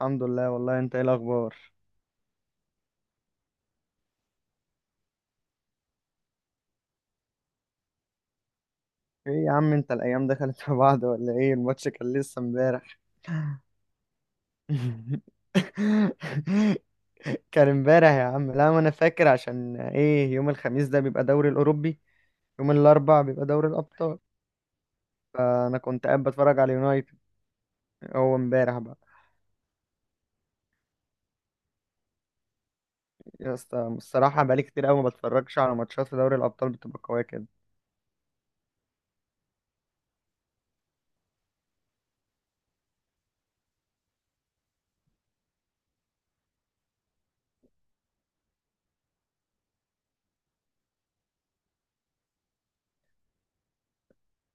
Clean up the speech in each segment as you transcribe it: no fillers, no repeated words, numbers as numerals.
الحمد لله. والله انت ايه الاخبار؟ ايه يا عم، انت الايام دخلت في بعض ولا ايه؟ الماتش كان لسه امبارح كان امبارح يا عم، لا ما انا فاكر عشان ايه، يوم الخميس ده بيبقى دوري الاوروبي، يوم الاربع بيبقى دوري الابطال، فانا كنت قاعد بتفرج على اليونايتد. هو امبارح بقى. يا اسطى الصراحه بقالي كتير قوي ما بتفرجش على ماتشات في دوري الابطال، بتبقى قويه كده.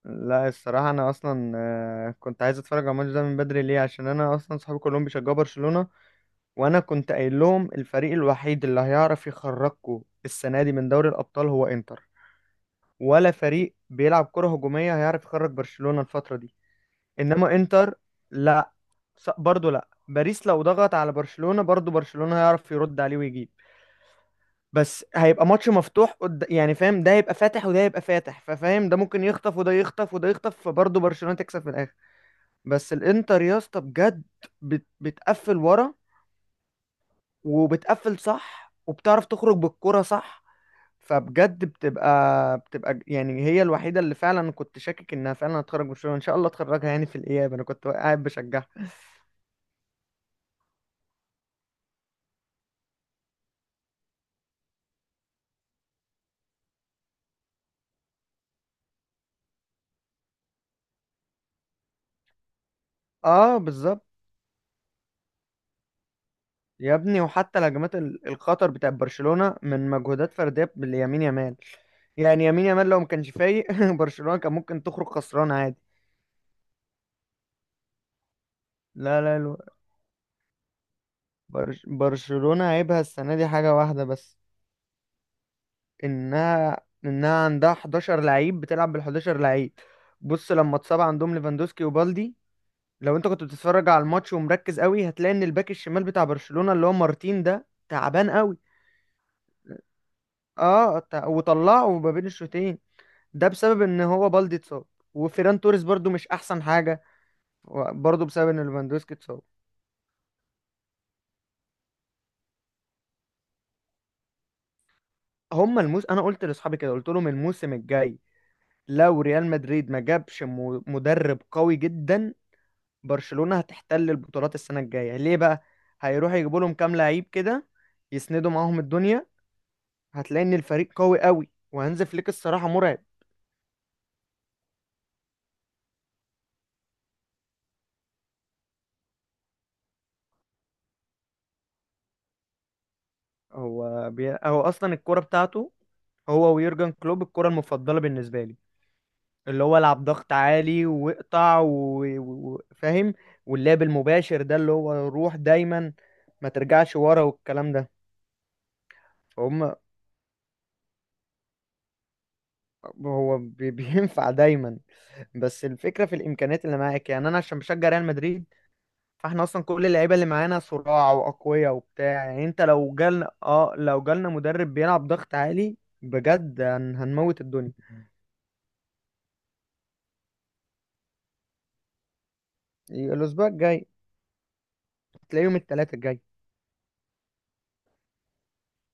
لا الصراحه انا اصلا كنت عايز اتفرج على الماتش ده من بدري، ليه؟ عشان انا اصلا صحابي كلهم بيشجعوا برشلونه، وانا كنت قايل لهم الفريق الوحيد اللي هيعرف يخرجكم السنه دي من دوري الابطال هو انتر، ولا فريق بيلعب كره هجوميه هيعرف يخرج برشلونه الفتره دي انما انتر. لا، برضه لا، باريس لو ضغط على برشلونه برضه برشلونه هيعرف يرد عليه ويجيب، بس هيبقى ماتش مفتوح يعني فاهم، ده يبقى فاتح وده يبقى فاتح، ففاهم ده ممكن يخطف وده يخطف وده يخطف، فبرضه برشلونه تكسب في الاخر. بس الانتر يا اسطى بجد بتقفل ورا، وبتقفل صح، وبتعرف تخرج بالكرة صح، فبجد بتبقى يعني هي الوحيده اللي فعلا كنت شاكك انها فعلا هتخرج من الشغل، ان شاء الله تخرجها يعني في الاياب، انا كنت قاعد بشجعها. اه بالظبط. يا ابني وحتى الهجمات الخطر بتاع برشلونه من مجهودات فرديه باليمين يامال، يعني يمين يامال لو ما كانش فايق برشلونه كان ممكن تخرج خسران عادي. لا لا الو- برشلونه عيبها السنه دي حاجه واحده بس، انها عندها 11 لعيب، بتلعب بال 11 لعيب. بص لما اتصاب عندهم ليفاندوسكي وبالدي، لو انت كنت بتتفرج على الماتش ومركز قوي هتلاقي ان الباك الشمال بتاع برشلونة اللي هو مارتين ده تعبان قوي. وطلعه ما بين الشوطين، ده بسبب ان هو بالدي اتصاب، وفيران توريس برضو مش احسن حاجة، برضو بسبب ان ليفاندوسكي اتصاب. هما الموس انا قلت لاصحابي كده، قلت لهم الموسم الجاي لو ريال مدريد ما جابش مدرب قوي جدا، برشلونة هتحتل البطولات السنة الجاية. ليه بقى؟ هيروحوا يجيبوا لهم كام لعيب كده يسندوا معاهم الدنيا، هتلاقي ان الفريق قوي قوي. وهانز فليك الصراحه مرعب. هو اصلا الكوره بتاعته هو ويورجن كلوب الكرة المفضلة بالنسبة لي، اللي هو العب ضغط عالي واقطع وفاهم فاهم؟ واللعب المباشر ده اللي هو روح دايما، ما ترجعش ورا والكلام ده. فهم. بينفع دايما. بس الفكرة في الإمكانيات اللي معاك، يعني أنا عشان بشجع ريال مدريد، فاحنا اصلا كل اللعيبه اللي معانا صراع واقوياء وبتاع، يعني انت لو جالنا اه لو جالنا مدرب بيلعب ضغط عالي بجد هنموت الدنيا. الاسبوع الجاي. تلاقيه يوم الثلاثاء الجاي.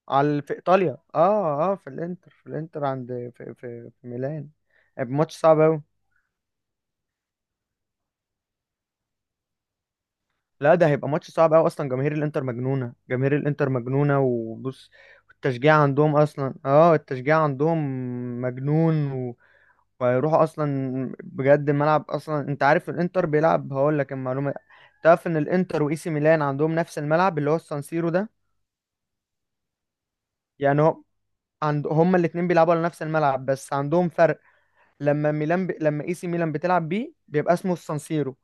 على في ايطاليا، اه اه، في الانتر، في الانتر، عند في ميلان. هيبقى ماتش صعب قوي. لا ده هيبقى ماتش صعب قوي، اصلا جماهير الانتر مجنونه، جماهير الانتر مجنونه. وبص، التشجيع عندهم اصلا، اه التشجيع عندهم مجنون، ويروحوا اصلا بجد الملعب. اصلا انت عارف الانتر بيلعب، هقول لك المعلومه، تعرف ان الانتر واي سي ميلان عندهم نفس الملعب اللي هو السانسيرو ده؟ يعني هو عند هما الاثنين بيلعبوا على نفس الملعب، بس عندهم فرق، لما لما اي سي ميلان بتلعب بيه بيبقى اسمه السانسيرو،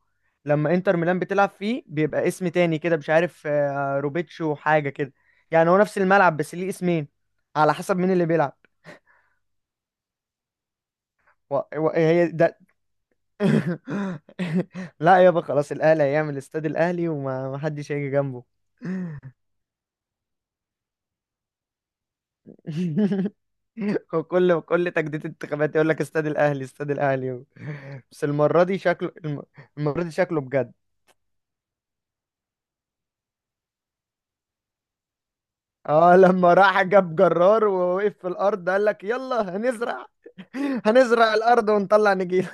لما انتر ميلان بتلعب فيه بيبقى اسم تاني كده مش عارف روبيتشو حاجه كده. يعني هو نفس الملعب بس ليه اسمين على حسب مين اللي بيلعب. هي ده. لا يابا خلاص، الاهلي هيعمل استاد الاهلي وما ما حدش هيجي جنبه. وكل تجديد انتخابات يقول لك استاد الاهلي استاد الاهلي، بس المره دي شكله المره دي شكله بجد. اه لما راح جاب جرار ووقف في الارض قال لك يلا هنزرع هنزرع الارض ونطلع نجيل.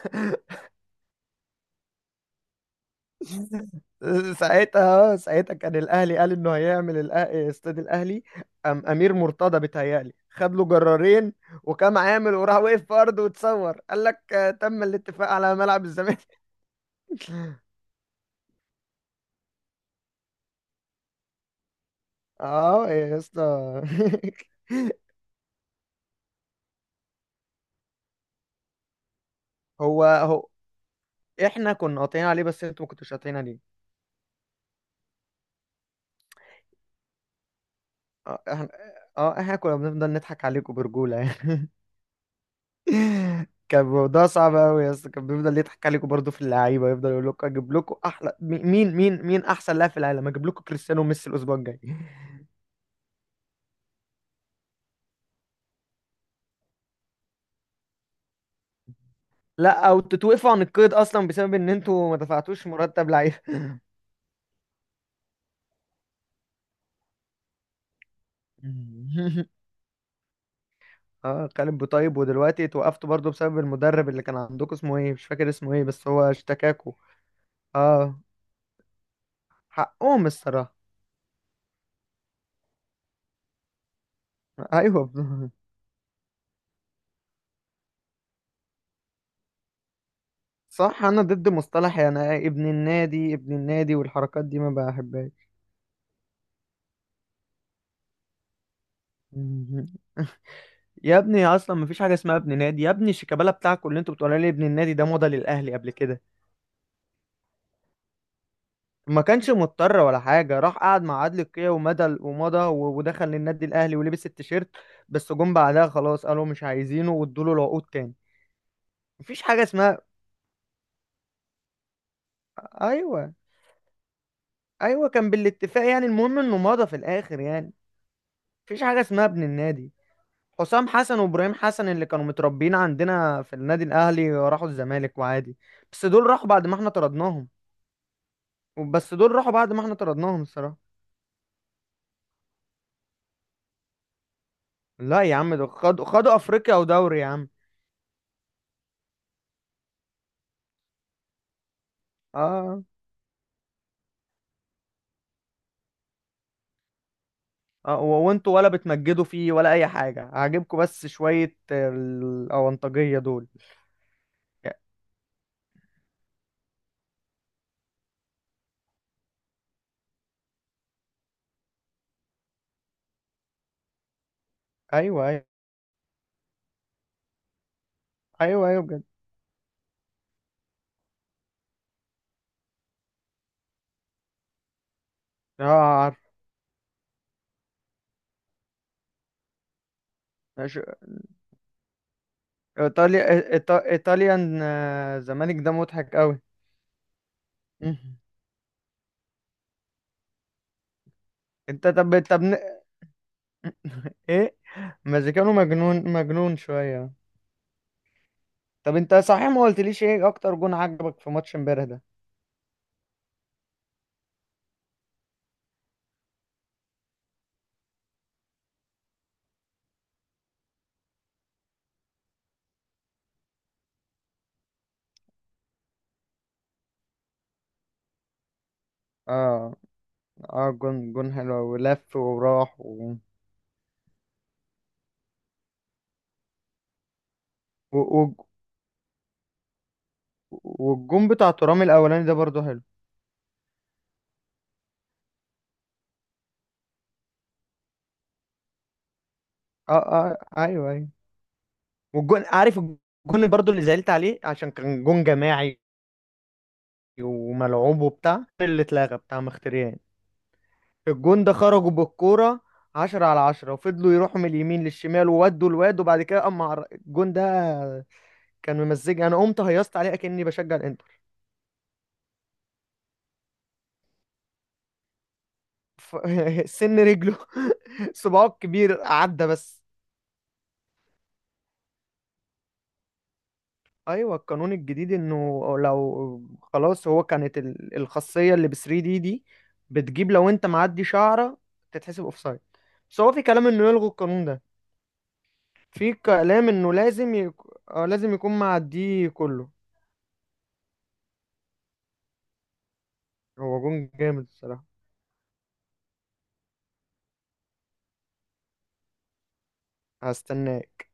ساعتها ساعتها كان الاهلي قال انه هيعمل استاد الاهلي، أم امير مرتضى بيتهيألي خد له جرارين، وكان عامل وراح وقف في ارضه وتصور قال لك تم الاتفاق على ملعب الزمالك. اه يا اسطى. هو هو احنا كنا قاطعين عليه بس انتوا ما كنتوش قاطعين عليه. اه احنا، اه احنا كنا بنفضل نضحك عليكم برجولة يعني كان الموضوع صعب قوي يا اسطى، كان بيفضل يضحك عليكم برضه في اللعيبه، يفضل يقول لكم اجيب لكم احلى مين مين مين احسن لاعب في العالم، اجيب لكم كريستيانو وميسي الاسبوع الجاي. لا او تتوقفوا عن القيد اصلا بسبب ان انتوا ما دفعتوش مرتب لعيبه. اه خالد بوطيب، ودلوقتي اتوقفتوا برضه بسبب المدرب اللي كان عندكم اسمه ايه مش فاكر اسمه ايه، بس هو اشتكاكوا. اه حقهم الصراحه. ايوه صح، انا ضد مصطلح يعني إيه، ابن النادي ابن النادي والحركات دي ما بحبهاش. يا ابني اصلا مفيش حاجه اسمها ابن نادي، يا ابني شيكابالا بتاعكوا اللي انتوا بتقولوا لي ابن النادي ده مضى للاهلي قبل كده، ما كانش مضطر ولا حاجه، راح قعد مع عادل قيعي ودخل للنادي الاهلي ولبس التيشيرت، بس جم بعدها خلاص قالوا مش عايزينه وادوا له العقود تاني. مفيش حاجه اسمها. ايوه، ايوه، كان بالاتفاق يعني، المهم انه مضى في الاخر يعني. مفيش حاجه اسمها ابن النادي، حسام حسن وابراهيم حسن اللي كانوا متربيين عندنا في النادي الاهلي راحوا الزمالك وعادي. بس دول راحوا بعد ما احنا طردناهم. بس دول راحوا بعد ما احنا طردناهم الصراحة. لا يا عم دول خدوا خدوا افريقيا ودوري يا عم. اه. آه، وانتوا ولا بتمجدوا فيه ولا اي حاجة عاجبكم، بس شوية الاونطاجية دول. ايوه ايوه. ايوه ايوه بجد. اه عارف. ماشي. ايطاليا ايطاليان، زمالك، ده مضحك قوي. مهم. انت طب طب ايه. مزيكانو مجنون مجنون شويه. طب انت صحيح ما قلتليش ايه اكتر جون عجبك في ماتش امبارح ده؟ اه اه، جون جون حلو، ولف وراح و... و... والجون بتاع ترام الاولاني ده برضو حلو. اه اه. ايوه ايوه. والجون، عارف الجون برضو اللي زعلت عليه، عشان كان جون جماعي وملعوب وبتاع، اللي اتلغى بتاع مختريان، الجون ده خرجوا بالكورة عشرة على عشرة وفضلوا يروحوا من اليمين للشمال وودوا الواد، وبعد كده اما الجون ده كان ممزجني، انا قمت هيصت عليه اكني بشجع الانتر. ف... سن رجله، صباعه الكبير عدى بس. ايوه، القانون الجديد انه لو خلاص هو كانت الخاصيه اللي ب 3 دي بتجيب لو انت معدي شعره تتحسب اوفسايد، بس هو في كلام انه يلغوا القانون ده. في كلام انه لازم يكون معديه كله. هو جون جامد الصراحه. هستناه.